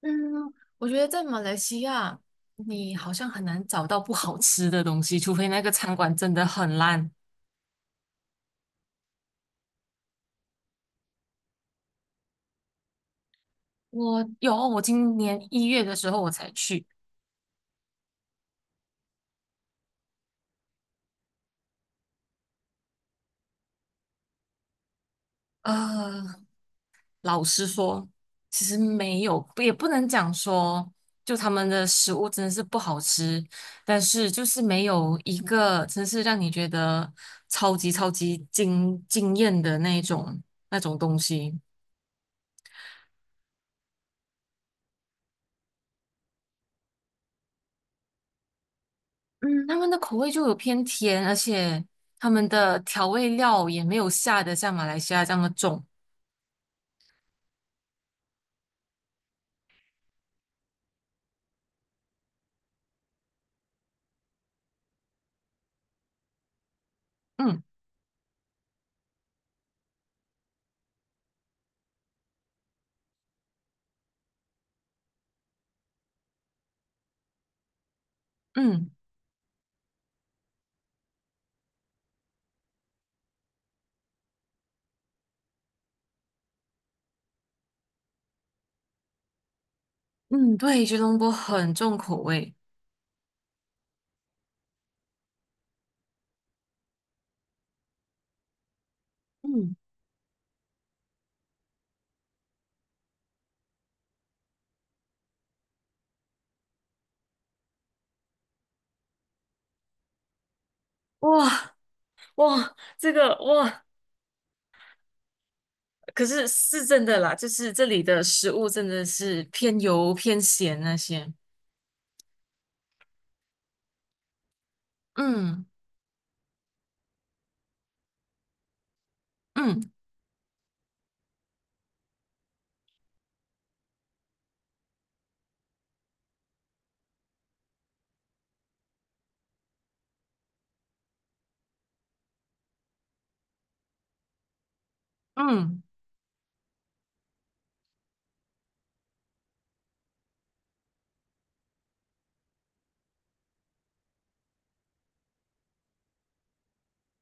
嗯，我觉得在马来西亚，你好像很难找到不好吃的东西，除非那个餐馆真的很烂。我有哦，我今年一月的时候我才去，呃，老实说，其实没有，也不能讲说，就他们的食物真的是不好吃，但是就是没有一个真是让你觉得超级超级惊艳的那种东西。他们的口味就有偏甜，而且他们的调味料也没有下的像马来西亚这么重。嗯嗯嗯，对，吉隆坡很重口味。嗯，哇哇，这个哇，可是是真的啦，就是这里的食物真的是偏油偏咸那些。嗯嗯嗯，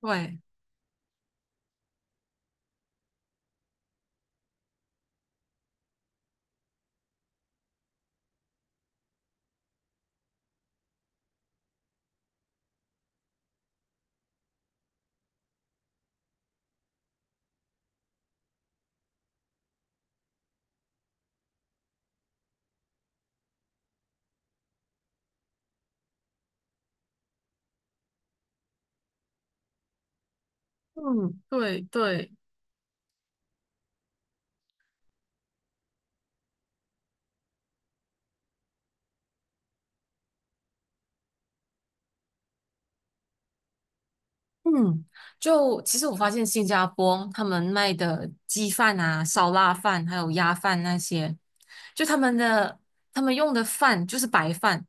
对，嗯对对。嗯，就其实我发现新加坡他们卖的鸡饭啊、烧腊饭还有鸭饭那些，就他们的他们用的饭就是白饭，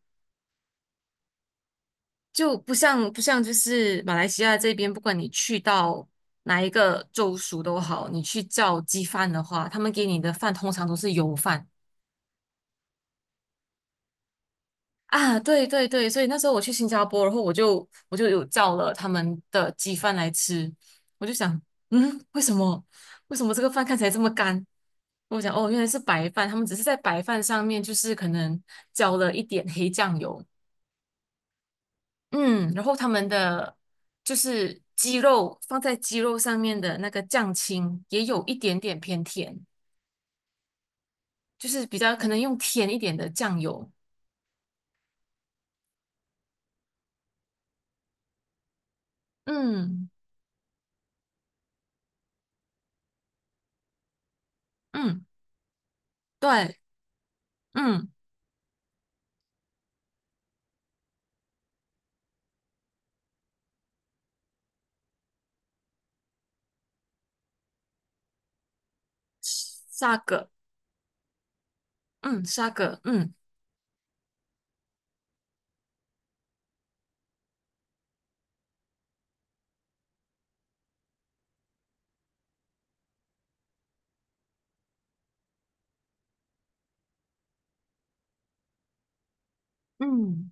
就不像就是马来西亚这边，不管你去到哪一个州属都好，你去叫鸡饭的话，他们给你的饭通常都是油饭啊。对对对，所以那时候我去新加坡，然后我就有叫了他们的鸡饭来吃，我就想，嗯，为什么这个饭看起来这么干？我讲哦，原来是白饭，他们只是在白饭上面就是可能浇了一点黑酱油，嗯，然后他们的就是鸡肉上面的那个酱青也有一点点偏甜，就是比较可能用甜一点的酱油，嗯嗯，对，嗯，沙葛，嗯沙葛，嗯嗯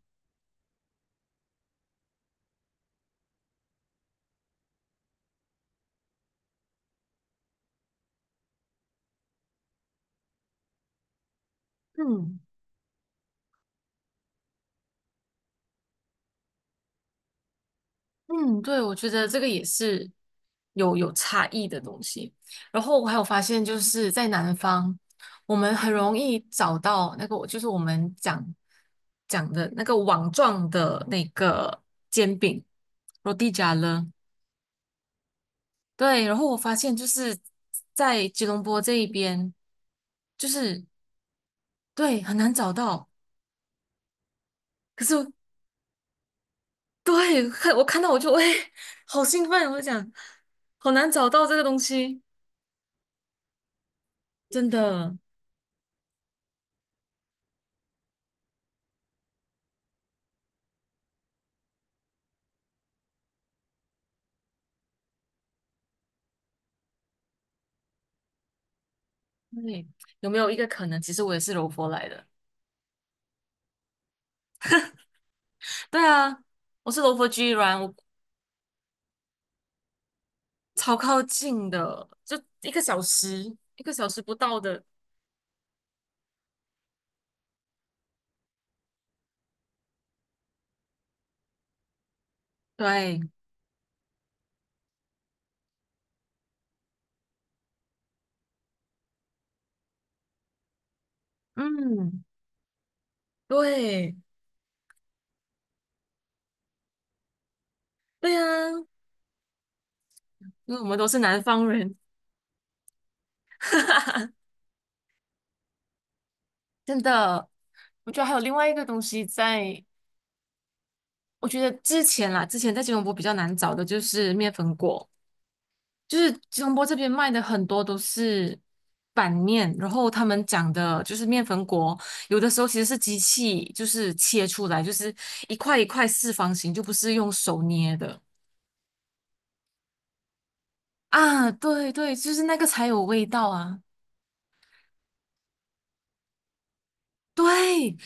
嗯。嗯，对，我觉得这个也是有差异的东西。然后我还有发现，就是在南方，我们很容易找到那个，就是我们讲的那个网状的那个煎饼罗 a l 了。对，然后我发现就是在吉隆坡这一边，就是对很难找到。可是我对看到我就哎，好兴奋，我就讲好难找到这个东西，真的。对，有没有一个可能，其实我也是柔佛来的？对啊，我是柔佛居然，我超靠近的，就一个小时，一个小时不到的。对，嗯，对，对啊，因为我们都是南方人，真的。我觉得还有另外一个东西在，我觉得之前啦，之前在吉隆坡比较难找的就是面粉果。就是吉隆坡这边卖的很多都是板面，然后他们讲的就是面粉果，有的时候其实是机器就是切出来，就是一块一块四方形，就不是用手捏的啊。对对，就是那个才有味道啊。对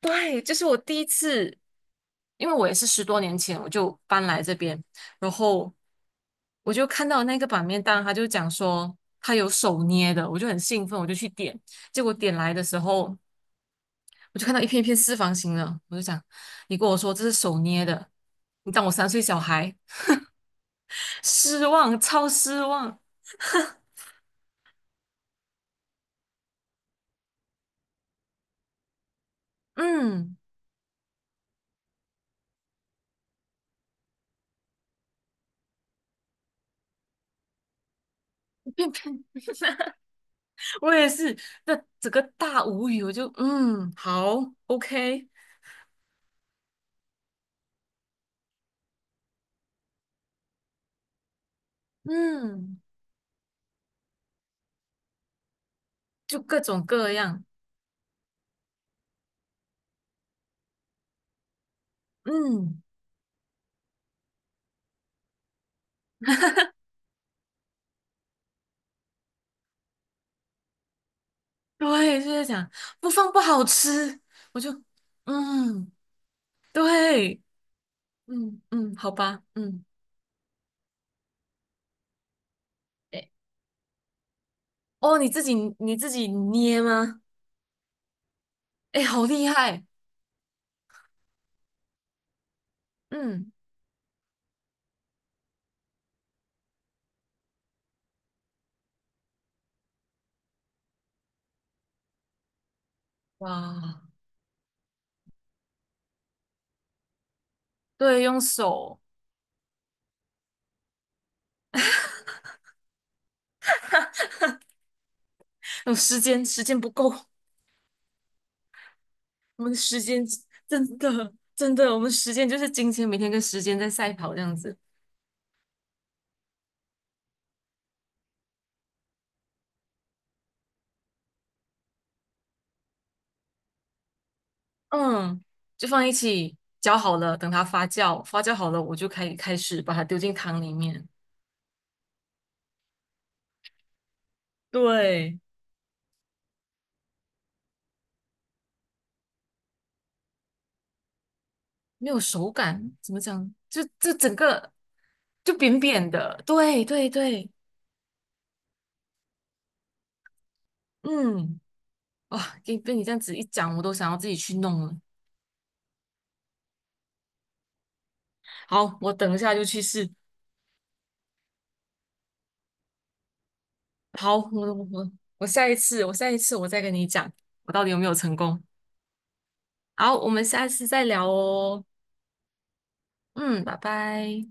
对，这是我第一次，因为我也是十多年前我就搬来这边，然后我就看到那个板面档，他就讲说他有手捏的，我就很兴奋，我就去点。结果点来的时候，我就看到一片一片四方形了，我就想，你跟我说这是手捏的，你当我三岁小孩，失望，超失望。嗯，一片片，我也是，那整个大无语，我就嗯，好，OK,嗯，就各种各样，嗯，对，就在讲不放不好吃，我就嗯，对，嗯嗯，好吧，嗯，哎，哦，你自己捏吗？哎，好厉害，嗯，哇。对，用手，有时间，时间不够，我们的时间真的，我们时间就是金钱，每天跟时间在赛跑这样子。嗯，就放一起搅好了，等它发酵，发酵好了，我就可以开始把它丢进汤里面。对，没有手感，怎么讲？就这整个就扁扁的。对对对，嗯，哇，给被你这样子一讲，我都想要自己去弄了。好，我等一下就去试。好，我我下一次，我下一次我再跟你讲，我到底有没有成功。好，我们下次再聊哦。嗯，拜拜。